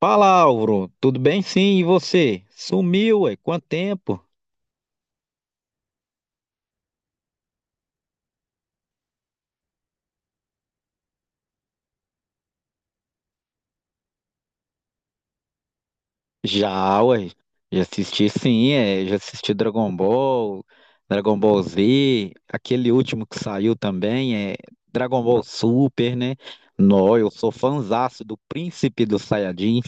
Fala, Álvaro. Tudo bem? Sim, e você? Sumiu, ué? Quanto tempo? Já, ué. Já assisti, sim, é. Já assisti Dragon Ball, Dragon Ball Z, aquele último que saiu também, é Dragon Ball Super, né? Nó, eu sou fãzaço do Príncipe dos Saiyajins.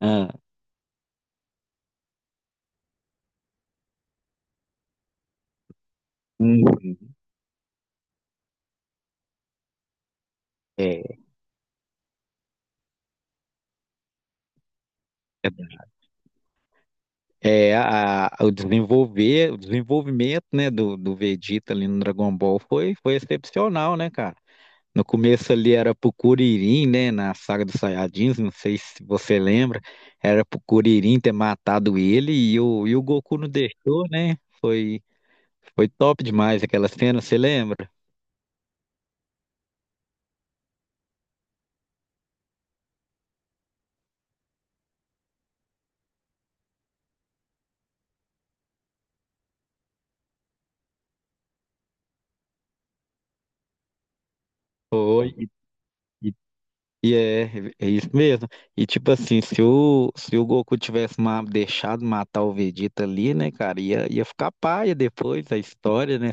Ah, uhum. é, é o desenvolvimento, né, do Vegeta ali no Dragon Ball foi excepcional, né, cara? No começo ali era pro Kuririn, né? Na saga dos Saiyajins, não sei se você lembra. Era pro Kuririn ter matado ele e o Goku não deixou, né? Foi top demais aquela cena, você lembra? Foi, e- e é, é isso mesmo. E tipo assim, se o Goku tivesse deixado matar o Vegeta ali, né, cara, ia ficar paia depois a história, né?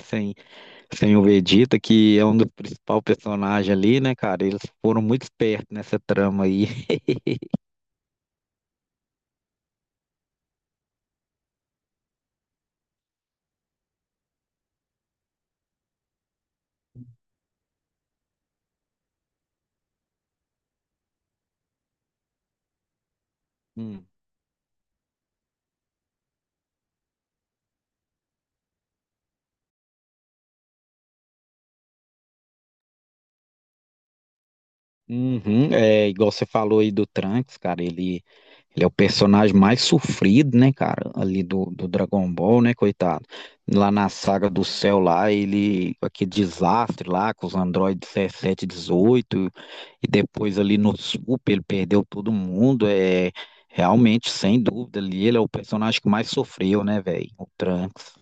Tem o Vegeta, que é um dos principais personagens ali, né, cara? Eles foram muito espertos nessa trama aí. Hum. Uhum, é igual você falou aí do Trunks, cara. Ele é o personagem mais sofrido, né, cara? Ali do Dragon Ball, né, coitado? Lá na saga do céu, lá, ele. Aquele desastre lá com os androides 17, 18. E depois ali no Super, ele perdeu todo mundo. É, realmente, sem dúvida, ali ele é o personagem que mais sofreu, né, velho? O Trunks.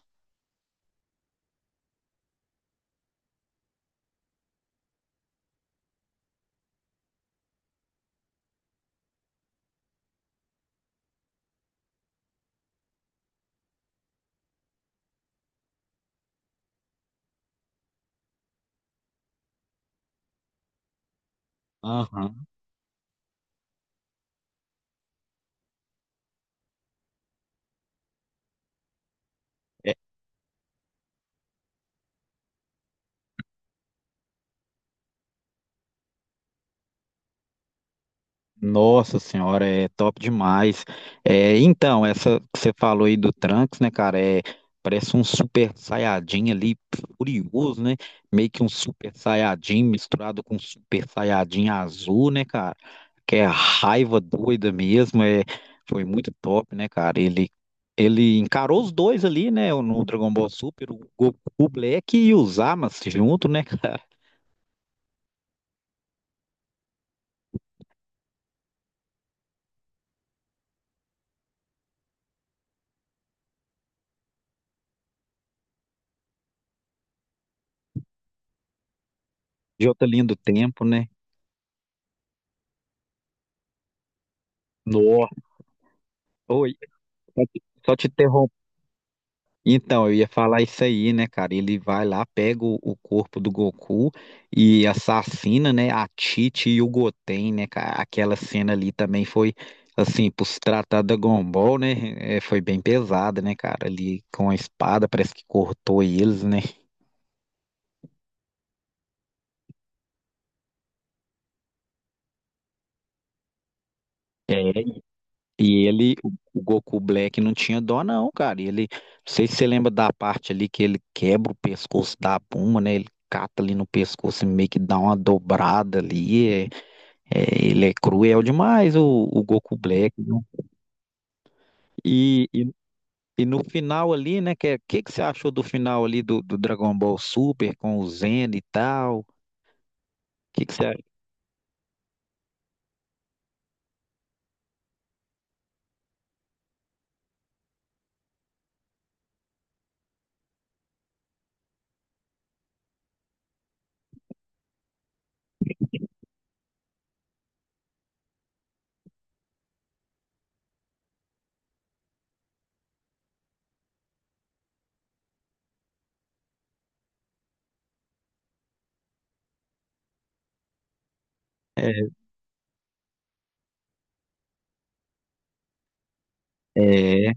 Aham. É, nossa senhora, é top demais. É, então, essa que você falou aí do Trunks, né, cara, é, parece um super saiyajin ali, furioso, né? Meio que um super saiyajin misturado com super saiyajin azul, né, cara? Que é raiva doida mesmo, é, foi muito top, né, cara? Ele encarou os dois ali, né, no Dragon Ball Super, o Goku Black e o Zamasu junto, né, cara? De outra linha do tempo, né? Nossa. Só te só te interrom- Então, eu ia falar isso aí, né, cara? Ele vai lá, pega o corpo do Goku e assassina, né, a Tite e o Goten, né, cara? Aquela cena ali também foi, assim, por se tratar da Dragon Ball, né? Foi bem pesada, né, cara? Ali com a espada, parece que cortou eles, né? E ele, o Goku Black não tinha dó não, cara. E ele, não sei se você lembra da parte ali que ele quebra o pescoço da Puma, né? Ele cata ali no pescoço e meio que dá uma dobrada ali. Ele é cruel demais, o Goku Black, né? E, e, e no final ali, né? Que, que você achou do final ali do Dragon Ball Super com o Zen e tal? Que você, acha? é, é,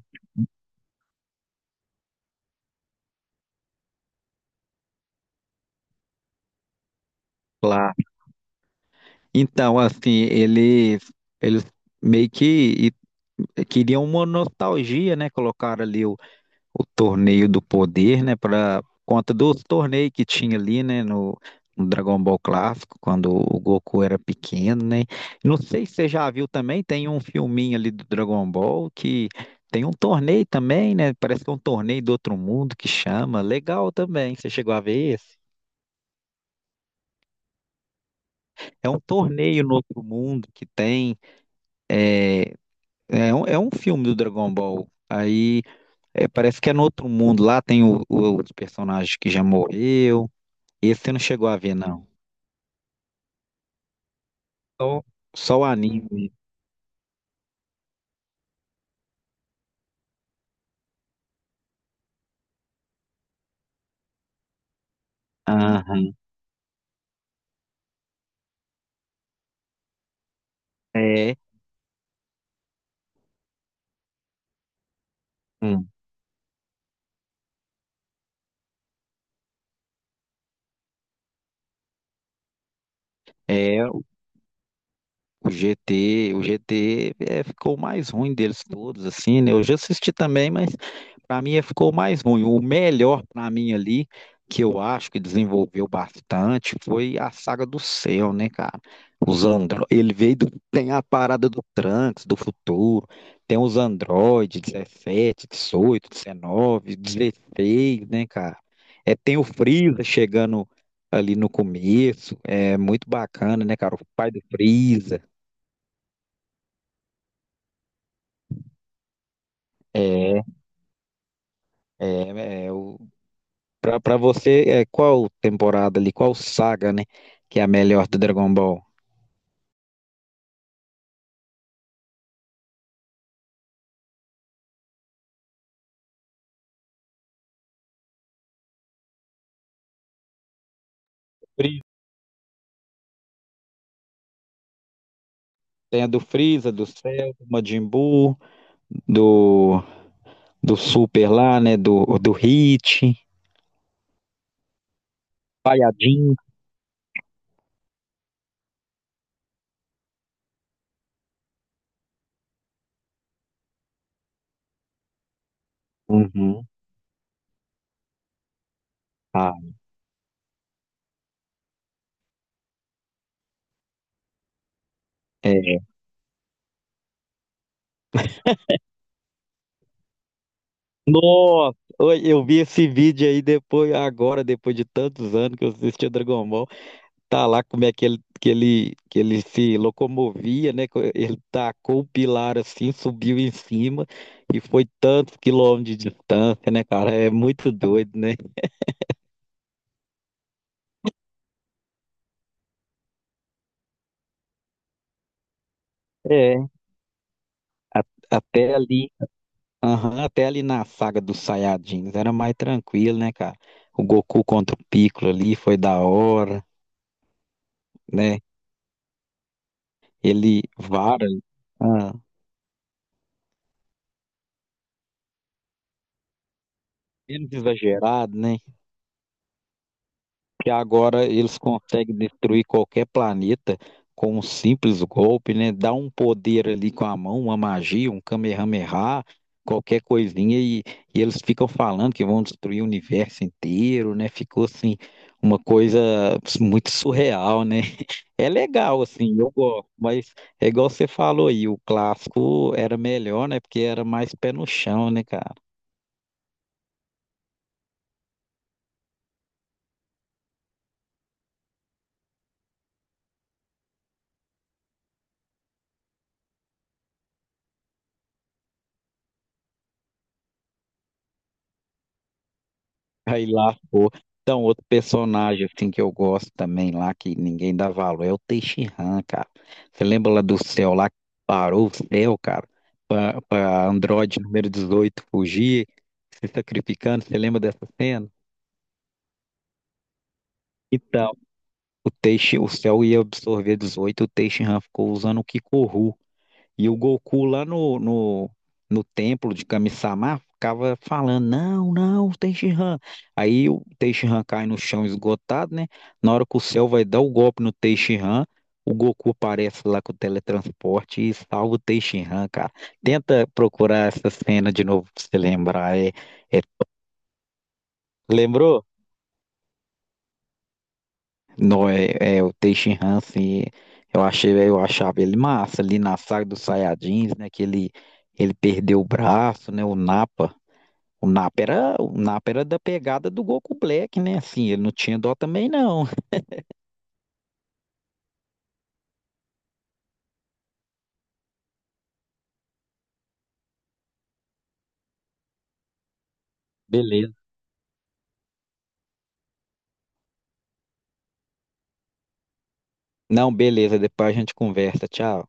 Claro. Então, assim, eles meio que queriam uma nostalgia, né? Colocaram ali o torneio do poder, né? Para conta dos torneios que tinha ali, né? No, no Dragon Ball Clássico, quando o Goku era pequeno, né? Não sei se você já viu também, tem um filminho ali do Dragon Ball que tem um torneio também, né? Parece que é um torneio do outro mundo que chama. Legal também, você chegou a ver esse? É um torneio no outro mundo que tem. eh, é um filme do Dragon Ball. Aí é, parece que é no outro mundo. Lá tem os personagens que já morreu. Esse você não chegou a ver, não. Só, só o anime. Aham. É. Hum. É. O GT é, ficou o mais ruim deles todos, assim, né? Eu já assisti também, mas para mim é, ficou o mais ruim. O melhor para mim ali, que eu acho que desenvolveu bastante, foi a saga do céu, né, cara? Os andro... Ele veio do... Tem a parada do Trunks, do futuro, tem os androides, 17, 18, 19, 16, né, cara? É, tem o Freeza chegando ali no começo, é muito bacana, né, cara? O pai do Freeza. É, é, é o, pra você, é, qual temporada ali, qual saga, né, que é a melhor do Dragon Ball? Freeza. Tem a do Freeza, do Cell, do Majin Buu, do, do Super lá, né, do Hit, Saiyajin. Uhum. Ah, é. Nossa, oi, eu vi esse vídeo aí depois, agora, depois de tantos anos que eu assisti o Dragon Ball. Tá lá como é que ele, que ele se locomovia, né? Ele tacou o pilar assim, subiu em cima e foi tantos quilômetros de distância, né, cara? É muito doido, né? É, a- até ali, aham, até ali na saga dos Saiyajins era mais tranquilo, né, cara? O Goku contra o Piccolo ali foi da hora, né? Ele vara, ah, menos exagerado, né? Que agora eles conseguem destruir qualquer planeta com um simples golpe, né? Dá um poder ali com a mão, uma magia, um Kamehameha, qualquer coisinha, e, eles ficam falando que vão destruir o universo inteiro, né? Ficou assim, uma coisa muito surreal, né? É legal, assim, eu gosto, mas é igual você falou aí, o clássico era melhor, né? Porque era mais pé no chão, né, cara? Aí lá, pô. Então, outro personagem assim que eu gosto também lá, que ninguém dá valor, é o Teixeira, cara. Você lembra lá do céu lá que parou o céu, cara, pra Android número 18 fugir, se sacrificando? Você lembra dessa cena? Então, o céu ia absorver 18, o Teixeira ficou usando o Kikoru. E o Goku lá no templo de Kami-sama ficava falando: Não, não, Tenshinhan. Aí o Tenshinhan cai no chão esgotado, né? Na hora que o céu vai dar o golpe no Tenshinhan, o Goku aparece lá com o teletransporte e salva o Tenshinhan, cara. Tenta procurar essa cena de novo pra você lembrar. É- Lembrou? Não, é o Tenshinhan, assim. Eu achava ele massa ali na saga dos Saiyajins, né? Que ele perdeu o braço, né? O Nappa. O Napa era da pegada do Goku Black, né? Assim, ele não tinha dó também, não. Beleza. Não, beleza, depois a gente conversa. Tchau.